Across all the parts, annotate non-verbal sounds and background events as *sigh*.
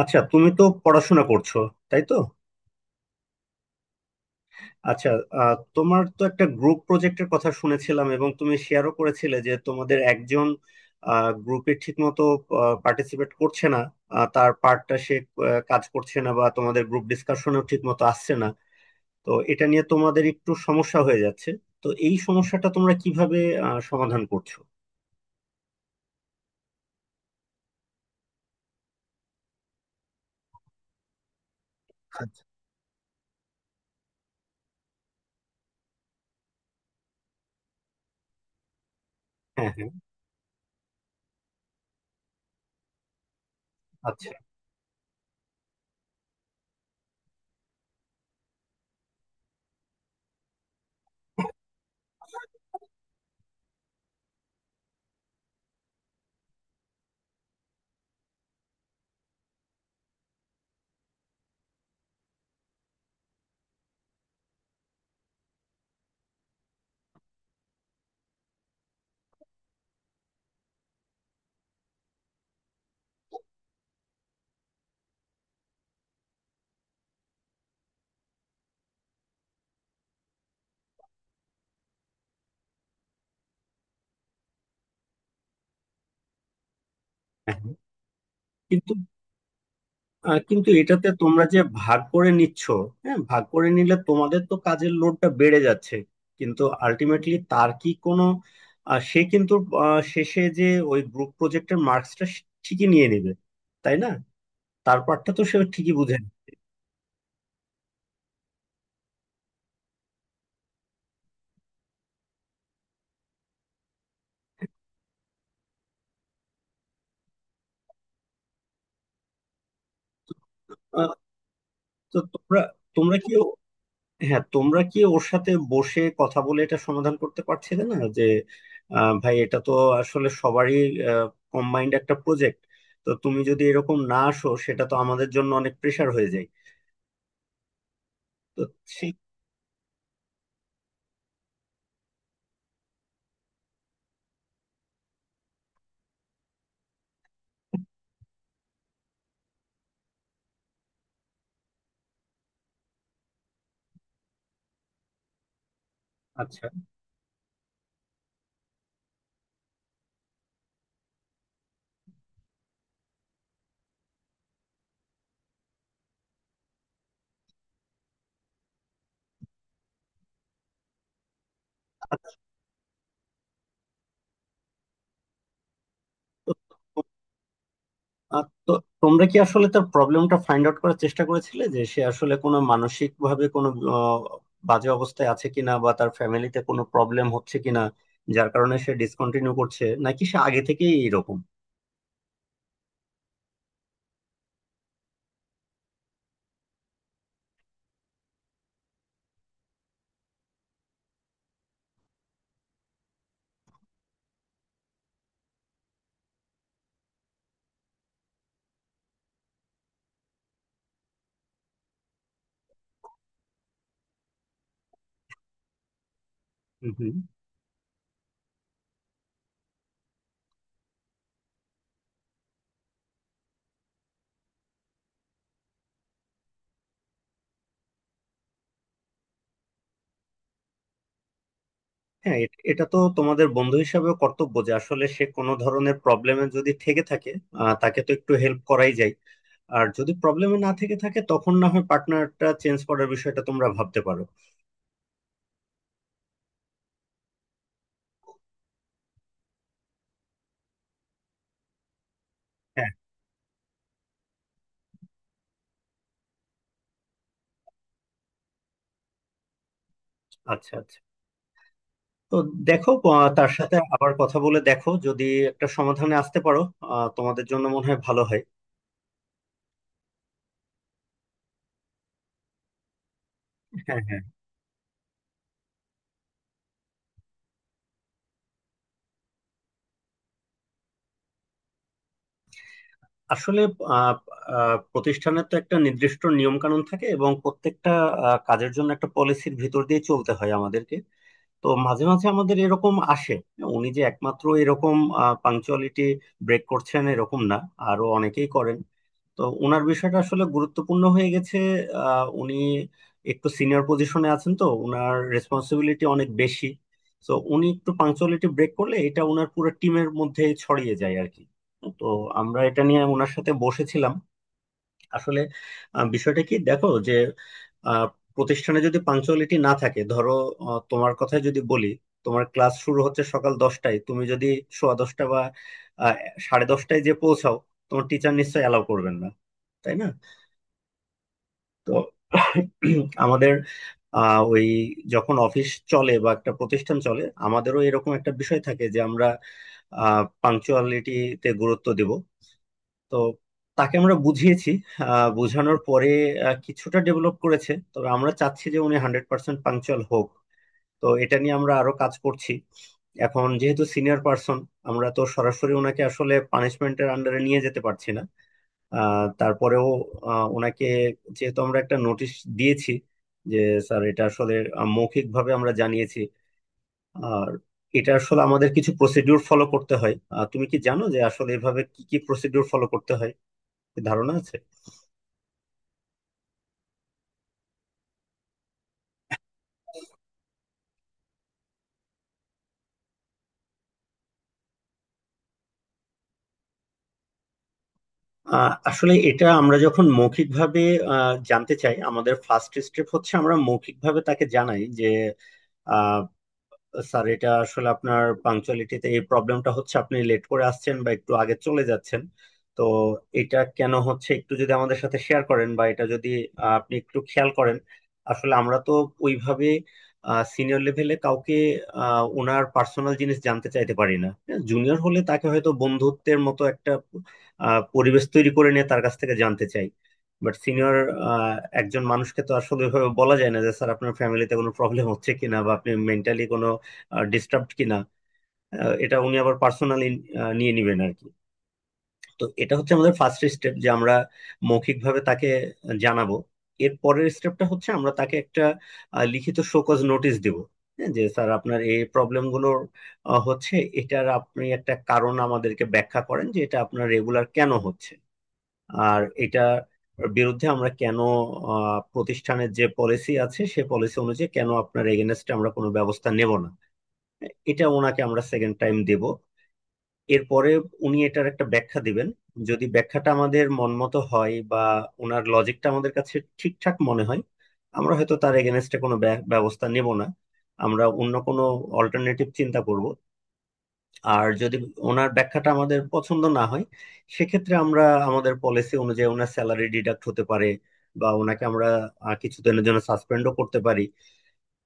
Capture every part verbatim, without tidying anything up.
আচ্ছা, তুমি তো পড়াশোনা করছো, তাই তো? আচ্ছা। আহ, তোমার তো একটা গ্রুপ প্রজেক্টের কথা শুনেছিলাম, এবং তুমি শেয়ারও করেছিলে যে তোমাদের একজন গ্রুপে ঠিকমতো পার্টিসিপেট করছে না। আহ, তার পার্টটা সে আহ, কাজ করছে না, বা তোমাদের গ্রুপ ডিসকাশনেও ঠিকমতো আসছে না। তো এটা নিয়ে তোমাদের একটু সমস্যা হয়ে যাচ্ছে। তো এই সমস্যাটা তোমরা কিভাবে আহ, সমাধান করছো? আচ্ছা। হ্যাঁ, হ্যাঁ। আচ্ছা। হ্যাঁ, হ্যাঁ। আহ, কিন্তু এটাতে তোমরা যে ভাগ করে নিচ্ছ, হ্যাঁ, ভাগ করে নিলে তোমাদের তো কাজের লোডটা বেড়ে যাচ্ছে, কিন্তু আলটিমেটলি তার কি কোনো আহ, সে কিন্তু আহ, শেষে যে ওই গ্রুপ প্রজেক্টের মার্কসটা ঠিকই নিয়ে নেবে, তাই না? তার পার্টটা তো সে ঠিকই বুঝে। আহ, তো তোমরা, তোমরা কি, হ্যাঁ, তোমরা কি ওর সাথে বসে কথা বলে এটা সমাধান করতে পারছিলে না যে আহ, ভাই, এটা তো আসলে সবারই কম্বাইন্ড একটা প্রজেক্ট, তো তুমি যদি এরকম না আসো সেটা তো আমাদের জন্য অনেক প্রেশার হয়ে যায়। তো সেই। আচ্ছা, আচ্ছা। তো আহ, তো তোমরা কি আসলে তার প্রবলেমটা ফাইন্ড আউট করার চেষ্টা করেছিলে যে সে আসলে কোনো মানসিক ভাবে কোনো আহ, বাজে অবস্থায় আছে কিনা, বা তার ফ্যামিলিতে কোনো প্রবলেম হচ্ছে কিনা, যার কারণে সে ডিসকন্টিনিউ করছে, নাকি সে আগে থেকেই এরকম? হুম, হুম। হ্যাঁ, এট- এটা তো তোমাদের বন্ধু হিসাবেও কর্তব্য যে আসলে সে কোনো ধরনের প্রবলেমে যদি থেকে থাকে, আহ, তাকে তো একটু হেল্প করাই যায়। আর যদি প্রবলেমে না থেকে থাকে তখন না হয় পার্টনারটা চেঞ্জ করার বিষয়টা তোমরা ভাবতে পারো। হ্যাঁ। আচ্ছা, আচ্ছা। তো দেখো, আহ, তার সাথে আবার কথা বলে দেখো যদি একটা সমাধানে আসতে পারো, আহ, তোমাদের জন্য মনে হয় ভালো হয়। হ্যাঁ, হ্যাঁ। আসলে আহ, আহ, প্রতিষ্ঠানের তো একটা নির্দিষ্ট নিয়ম কানুন থাকে, এবং প্রত্যেকটা আহ, কাজের জন্য একটা পলিসির ভিতর দিয়ে চলতে হয় আমাদেরকে। তো মাঝে মাঝে আমাদের এরকম আসে। উনি যে একমাত্র এরকম পাংচুয়ালিটি ব্রেক করছেন এরকম না, আরো অনেকেই করেন। তো ওনার বিষয়টা আসলে গুরুত্বপূর্ণ হয়ে গেছে। আহ, উনি একটু সিনিয়র পজিশনে আছেন, তো ওনার রেসপন্সিবিলিটি অনেক বেশি। তো উনি একটু পাংচুয়ালিটি ব্রেক করলে এটা ওনার পুরো টিমের মধ্যে ছড়িয়ে যায় আর কি। তো আমরা এটা নিয়ে ওনার সাথে বসেছিলাম। আসলে আহ, বিষয়টা কি দেখো যে আহ, প্রতিষ্ঠানে যদি পাঞ্চুয়ালিটি না থাকে, ধরো, আহ, তোমার কথাই যদি বলি, তোমার ক্লাস শুরু হচ্ছে সকাল দশটায়, তুমি যদি সোয়া দশটা বা আহ, সাড়ে দশটায় যে পৌঁছাও, তোমার টিচার নিশ্চয়ই অ্যালাউ করবেন না, তাই না? তো আমাদের আহ, ওই যখন অফিস চলে বা একটা প্রতিষ্ঠান চলে আমাদেরও এরকম একটা বিষয় থাকে যে আমরা পাংচুয়ালিটিতে গুরুত্ব দিব। তো তাকে আমরা বুঝিয়েছি। আহ, বোঝানোর পরে আহ, কিছুটা ডেভেলপ করেছে, তবে আমরা চাচ্ছি যে উনি হান্ড্রেড পার্সেন্ট পাংচুয়াল হোক। তো এটা নিয়ে আমরা আরো কাজ করছি। এখন যেহেতু সিনিয়র পার্সন, আমরা তো সরাসরি ওনাকে আসলে পানিশমেন্টের আন্ডারে নিয়ে যেতে পারছি না। আহ, তারপরেও আহ, ওনাকে যেহেতু আমরা একটা নোটিশ দিয়েছি যে স্যার এটা আসলে আহ, মৌখিকভাবে আমরা জানিয়েছি। আর এটা আসলে আমাদের কিছু প্রসিডিউর ফলো করতে হয়। আহ, তুমি কি জানো যে আসলে এভাবে কি কি প্রসিডিউর ফলো করতে হয়? কি ধারণা আছে? আহ, আসলে এটা আমরা যখন মৌখিকভাবে আহ, জানতে চাই, আমাদের ফার্স্ট স্টেপ হচ্ছে আমরা মৌখিকভাবে তাকে জানাই যে স্যার এটা আসলে আপনার পাংচুয়ালিটিতে এই প্রবলেমটা হচ্ছে, আপনি লেট করে আসছেন বা একটু আগে চলে যাচ্ছেন। তো এটা কেন হচ্ছে একটু যদি আমাদের সাথে শেয়ার করেন, বা এটা যদি আহ, আপনি একটু খেয়াল করেন। আসলে আমরা তো ওইভাবে সিনিয়র লেভেলে কাউকে আহ, ওনার পার্সোনাল জিনিস জানতে চাইতে পারি না। জুনিয়র হলে তাকে হয়তো বন্ধুত্বের মতো একটা আহ, পরিবেশ তৈরি করে নিয়ে তার কাছ থেকে জানতে চাই, বাট সিনিয়র একজন মানুষকে তো আসলে ওইভাবে বলা যায় না যে স্যার আপনার ফ্যামিলিতে কোনো প্রবলেম হচ্ছে কিনা, বা আপনি মেন্টালি কোনো ডিস্টার্বড কিনা। আহ, এটা উনি আবার পার্সোনালি নিয়ে নেবেন আর কি। তো এটা হচ্ছে আমাদের ফার্স্ট স্টেপ যে আমরা মৌখিকভাবে তাকে জানাবো। এর পরের স্টেপটা হচ্ছে আমরা তাকে একটা আহ, লিখিত শোকজ নোটিশ দেব। হ্যাঁ, যে স্যার আপনার এই প্রবলেমগুলোর হচ্ছে, এটার আপনি একটা কারণ আমাদেরকে ব্যাখ্যা করেন যে এটা আপনার রেগুলার কেন হচ্ছে। আর এটা বিরুদ্ধে আমরা কেন আহ, প্রতিষ্ঠানের যে পলিসি আছে সে পলিসি অনুযায়ী কেন আপনার এগেনস্টে আমরা কোনো ব্যবস্থা নেব না। এটা ওনাকে আমরা সেকেন্ড টাইম দেব। এরপরে উনি এটার একটা ব্যাখ্যা দিবেন। যদি ব্যাখ্যাটা আমাদের মনমতো হয়, বা ওনার লজিকটা আমাদের কাছে ঠিকঠাক মনে হয়, আমরা হয়তো তার এগেনস্টে কোনো ব্য- ব্যবস্থা নেব না, আমরা অন্য কোনো অল্টারনেটিভ চিন্তা করব। আর যদি ওনার ব্যাখ্যাটা আমাদের পছন্দ না হয়, সেক্ষেত্রে আমরা আমাদের পলিসি অনুযায়ী ওনার স্যালারি ডিডাক্ট হতে পারে, বা ওনাকে আমরা আহ, কিছুদিনের জন্য সাসপেন্ডও করতে পারি।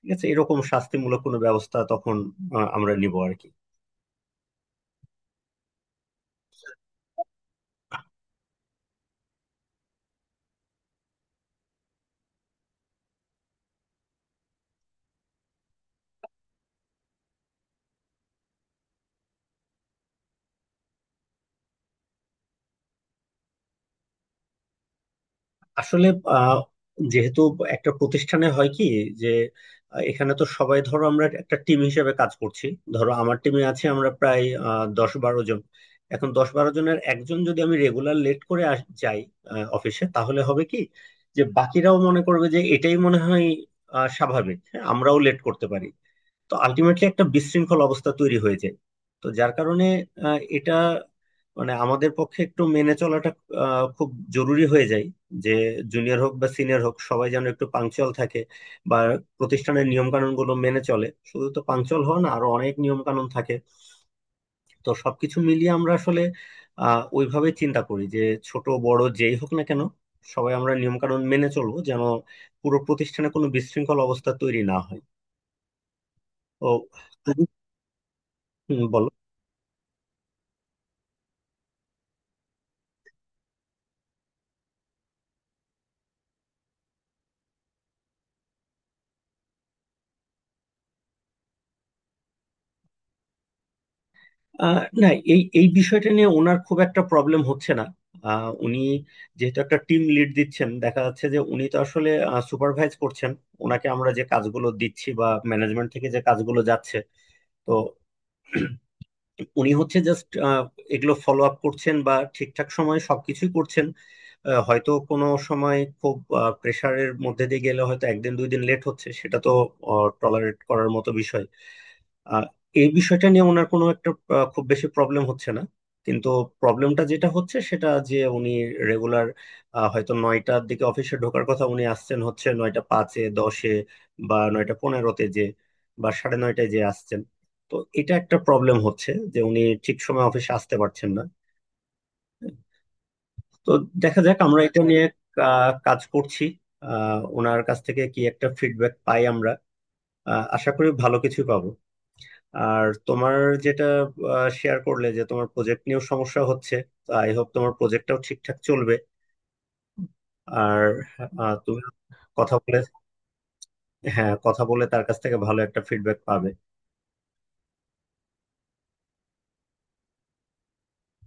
ঠিক আছে, এরকম শাস্তিমূলক কোনো ব্যবস্থা তখন আহ, আমরা নিব আর কি। আসলে আহ, যেহেতু একটা প্রতিষ্ঠানে হয় কি যে আহ, এখানে তো সবাই, ধরো আমরা একটা টিম হিসেবে কাজ করছি। ধরো আমার টিমে আছে আমরা প্রায় আহ, দশ বারো জন। এখন দশ বারো জনের একজন যদি আমি রেগুলার লেট করে আস- যাই আহ, অফিসে, তাহলে হবে কি যে বাকিরাও মনে করবে যে এটাই মনে হয় আহ, স্বাভাবিক। হ্যাঁ, আমরাও লেট করতে পারি। তো আলটিমেটলি একটা বিশৃঙ্খল অবস্থা তৈরি হয়ে যায়। তো যার কারণে আহ, এটা মানে আমাদের পক্ষে একটু মেনে চলাটা আহ, খুব জরুরি হয়ে যায়, যে জুনিয়র হোক বা সিনিয়র হোক সবাই যেন একটু পাংচুয়াল থাকে, বা প্রতিষ্ঠানের নিয়ম কানুন গুলো মেনে চলে। শুধু তো পাংচুয়াল হয় না, আরো অনেক নিয়ম কানুন থাকে। তো সবকিছু মিলিয়ে আমরা আসলে আহ ওইভাবে চিন্তা করি যে ছোট বড় যেই হোক না কেন সবাই আমরা নিয়ম কানুন মেনে চলবো, যেন পুরো প্রতিষ্ঠানে কোনো বিশৃঙ্খল অবস্থা তৈরি না হয়। তো তুমি, হুম, বলো। আহ, না, এই এই বিষয়টা নিয়ে ওনার খুব একটা প্রবলেম হচ্ছে না। আহ, উনি যেহেতু একটা টিম লিড দিচ্ছেন, দেখা যাচ্ছে যে উনি তো আসলে সুপারভাইজ করছেন ওনাকে আমরা যে কাজগুলো দিচ্ছি বা ম্যানেজমেন্ট থেকে যে কাজগুলো যাচ্ছে। তো *clears throat* উনি হচ্ছে জাস্ট এগুলো ফলো আপ করছেন বা ঠিকঠাক সময়ে সবকিছুই করছেন। আহ, হয়তো কোনো সময় খুব প্রেসারের মধ্যে দিয়ে গেলে হয়তো একদিন দুই দিন লেট হচ্ছে, সেটা তো টলারেট করার মতো বিষয়। আহ, এই বিষয়টা নিয়ে ওনার কোনো একটা আহ, খুব বেশি প্রবলেম হচ্ছে না। কিন্তু প্রবলেমটা যেটা হচ্ছে সেটা যে উনি রেগুলার হয়তো নয়টার দিকে অফিসে ঢোকার কথা, উনি আসছেন হচ্ছে নয়টা পাঁচে, দশে, বা নয়টা পনেরোতে যে বা সাড়ে নয়টায় যে আসছেন। তো এটা একটা প্রবলেম হচ্ছে যে উনি ঠিক সময় অফিসে আসতে পারছেন না। তো দেখা যাক আমরা এটা নিয়ে আহ, কাজ করছি। আহ, ওনার কাছ থেকে কি একটা ফিডব্যাক পাই আমরা, আহ, আশা করি ভালো কিছুই পাবো। আর তোমার যেটা শেয়ার করলে যে তোমার প্রজেক্ট নিয়েও সমস্যা হচ্ছে, তো আই হোপ তোমার প্রজেক্টটাও ঠিকঠাক চলবে। আর আহ, তুমি কথা বলে, হ্যাঁ, কথা বলে তার কাছ থেকে ভালো একটা ফিডব্যাক পাবে।